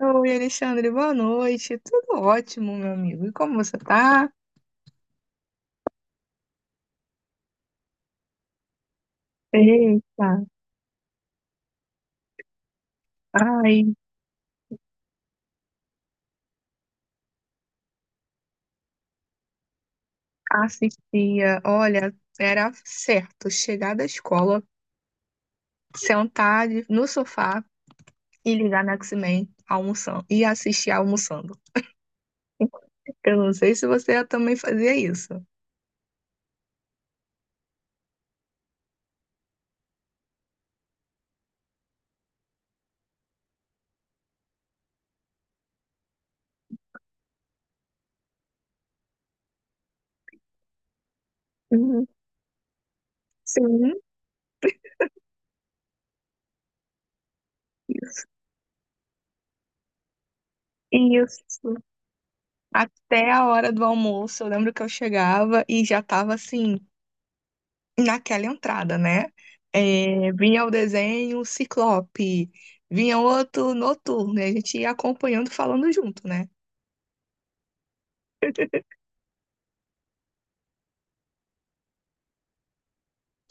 Oi, Alexandre, boa noite. Tudo ótimo, meu amigo. E como você tá? Eita. Ai, assistia. Olha, era certo chegar da escola, no sofá e ligar na X-Men almoçando e assistir almoçando. Eu não sei se você também fazia isso. Uhum. Sim. Isso. Isso. Até a hora do almoço, eu lembro que eu chegava e já tava assim, naquela entrada, né? É, vinha o desenho Ciclope, vinha outro Noturno, e a gente ia acompanhando, falando junto, né?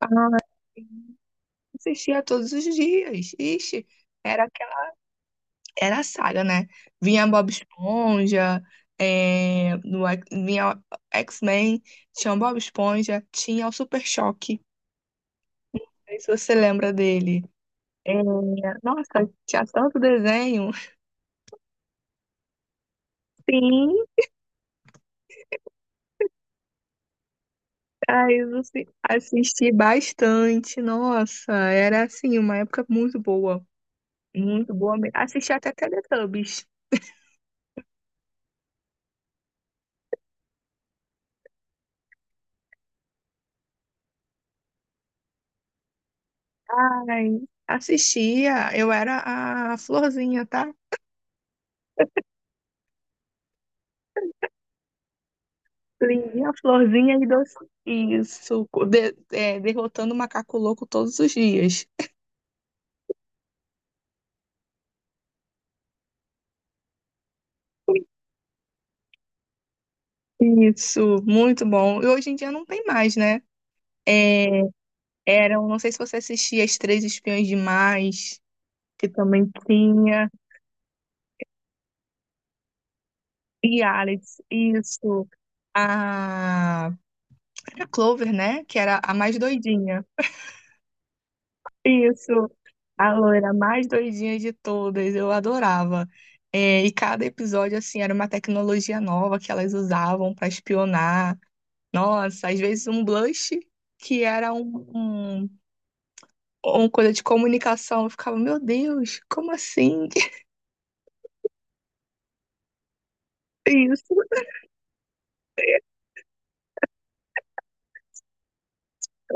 Ah, assistia todos os dias. Ixi, era aquela, era a saga, né? Vinha Bob Esponja, é, no X- vinha X-Men, tinha o Bob Esponja, tinha o Super Choque. Não sei se você lembra dele. É, nossa, tinha tanto desenho. Sim. Assisti bastante, nossa, era assim, uma época muito boa mesmo. Assisti até Teletubbies. Ai, assistia, eu era a florzinha, tá? Lindinha, florzinha e doce. Isso, derrotando o macaco louco todos os dias. Isso, muito bom. E hoje em dia não tem mais, né? Eram, não sei se você assistia As Três Espiãs Demais, que também tinha. E Alex, isso. A Era Clover, né? Que era a mais doidinha. Isso. A loira mais doidinha de todas. Eu adorava. É, e cada episódio, assim, era uma tecnologia nova que elas usavam para espionar. Nossa, às vezes um blush que era um- uma coisa de comunicação. Eu ficava: "Meu Deus, como assim?" Isso.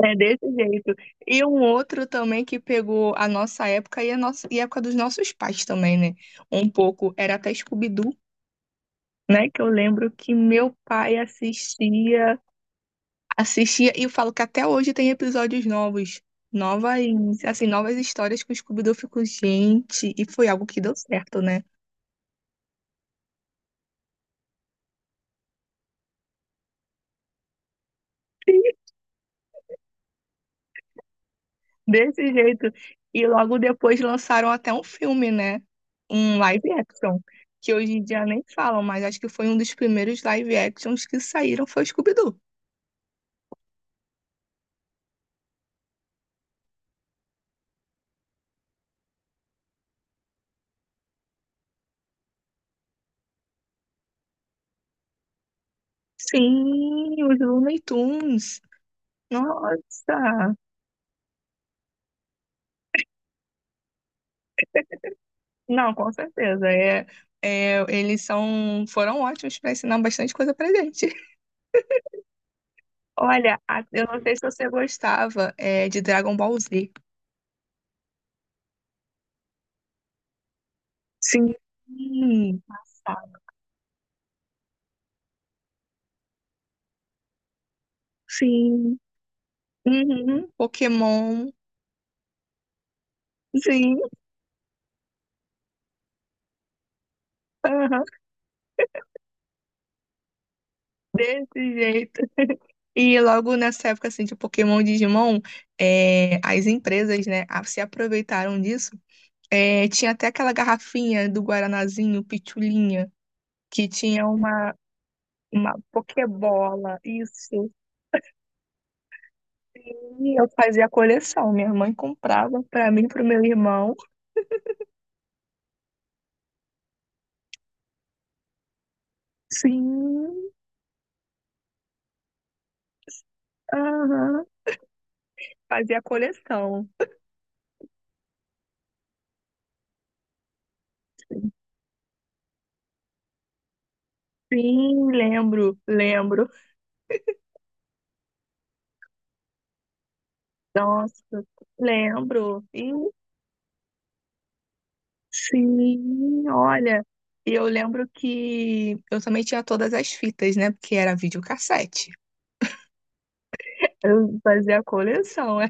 É desse jeito. E um outro também que pegou a nossa época e a época dos nossos pais também, né? Um pouco. Era até Scooby-Doo, né? Que eu lembro que meu pai assistia, assistia, e eu falo que até hoje tem episódios novos. Novas, assim, novas histórias que o Scooby-Doo ficou, gente, e foi algo que deu certo, né? Desse jeito. E logo depois lançaram até um filme, né? Um live action. Que hoje em dia nem falam, mas acho que foi um dos primeiros live actions que saíram foi o Scooby-Doo. Sim, os Looney Tunes. Nossa! Não, com certeza. É, eles são, foram ótimos para ensinar bastante coisa pra gente. Olha, eu não sei se você gostava, é, de Dragon Ball Z. Sim. Passado. Sim. Uhum. Pokémon. Sim, aham, desse jeito. E logo nessa época, assim, de Pokémon e Digimon, é, as empresas, né, se aproveitaram disso. É, tinha até aquela garrafinha do Guaranazinho, Pitulinha, que tinha uma Pokébola, isso. E eu fazia a coleção. Minha mãe comprava pra mim e pro meu irmão. Sim, aham, fazia a coleção. Sim, lembro, lembro. Nossa, lembro. Sim, olha, e eu lembro que eu também tinha todas as fitas, né? Porque era videocassete. Eu fazia a coleção, é.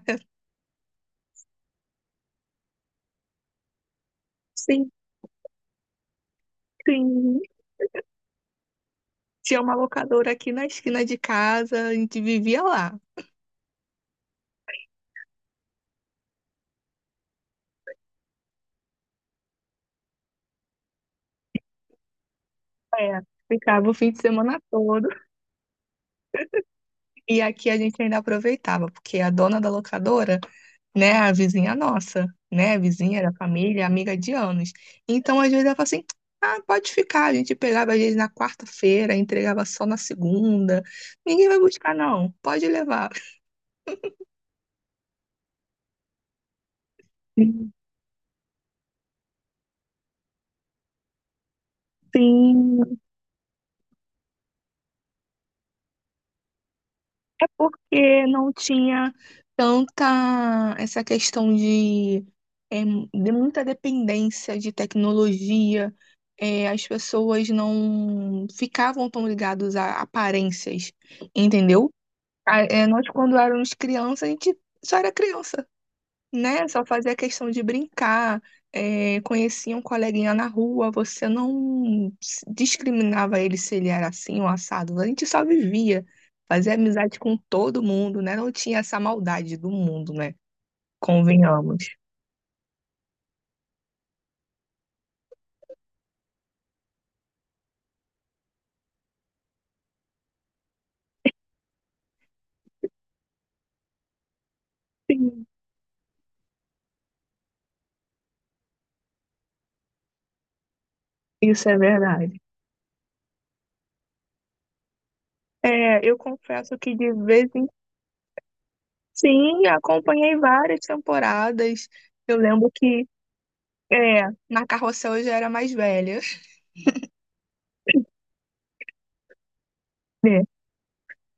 Sim, sim. Tinha uma locadora aqui na esquina de casa, a gente vivia lá. É, ficava o fim de semana todo. E aqui a gente ainda aproveitava, porque a dona da locadora, né? A vizinha nossa, né? A vizinha da família, amiga de anos. Então, às vezes, ela fala assim: "Ah, pode ficar". A gente pegava, às vezes, na quarta-feira, entregava só na segunda. "Ninguém vai buscar, não. Pode levar". Sim, é porque não tinha tanta essa questão de, é, de muita dependência de tecnologia. É, as pessoas não ficavam tão ligadas a aparências, entendeu? Nós, quando éramos crianças, a gente só era criança, né? Só fazia questão de brincar, é, conhecia um coleguinha na rua, você não s- discriminava ele se ele era assim ou assado, a gente só vivia, fazia amizade com todo mundo, né? Não tinha essa maldade do mundo, né? Convenhamos. Sim, isso é verdade. É, eu confesso que de vez em, sim, acompanhei várias temporadas. Eu lembro que é, na Carrossel eu já era mais velha.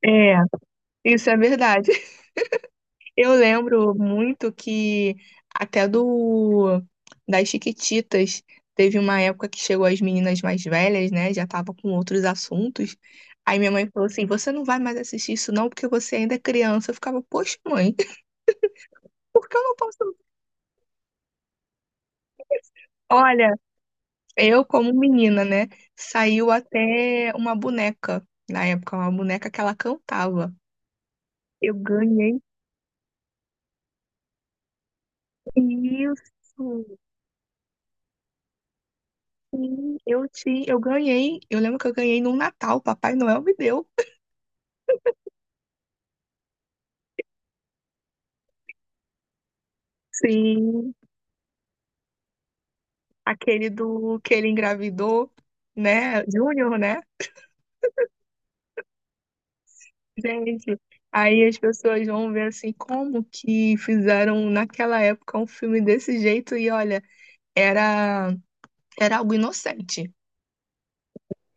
É, isso é verdade. Eu lembro muito que até do, das Chiquititas, teve uma época que chegou as meninas mais velhas, né? Já tava com outros assuntos. Aí minha mãe falou assim: "Você não vai mais assistir isso não, porque você ainda é criança". Eu ficava: "Poxa, mãe, por que eu não posso?". Olha, eu como menina, né? Saiu até uma boneca na época, uma boneca que ela cantava. Eu ganhei isso. Sim, eu ganhei. Eu lembro que eu ganhei num Natal, Papai Noel me deu. Sim, aquele do que ele engravidou, né? Júnior, né? Gente, aí as pessoas vão ver assim como que fizeram naquela época um filme desse jeito e olha, era era algo inocente.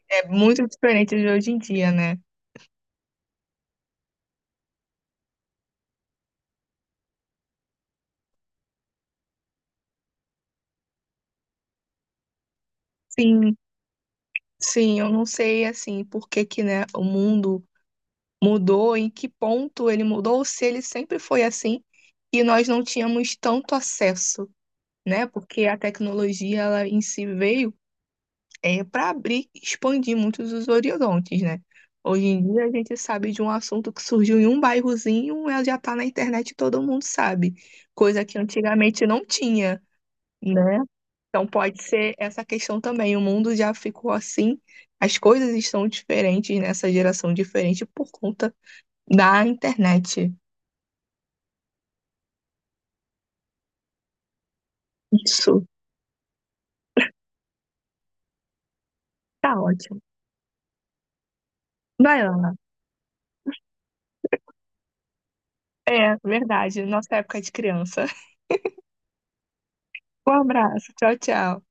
É muito diferente de hoje em dia, né? Sim, sim, eu não sei assim por que que, né, o mundo mudou, em que ponto ele mudou, ou se ele sempre foi assim e nós não tínhamos tanto acesso, né? Porque a tecnologia ela em si veio, é, para abrir e expandir muitos os horizontes, né? Hoje em dia a gente sabe de um assunto que surgiu em um bairrozinho, ela já está na internet e todo mundo sabe, coisa que antigamente não tinha, né? Então pode ser essa questão também. O mundo já ficou assim, as coisas estão diferentes nessa geração diferente por conta da internet. Isso. Tá ótimo. Vai lá. É, verdade. Nossa época de criança. Um abraço. Tchau, tchau.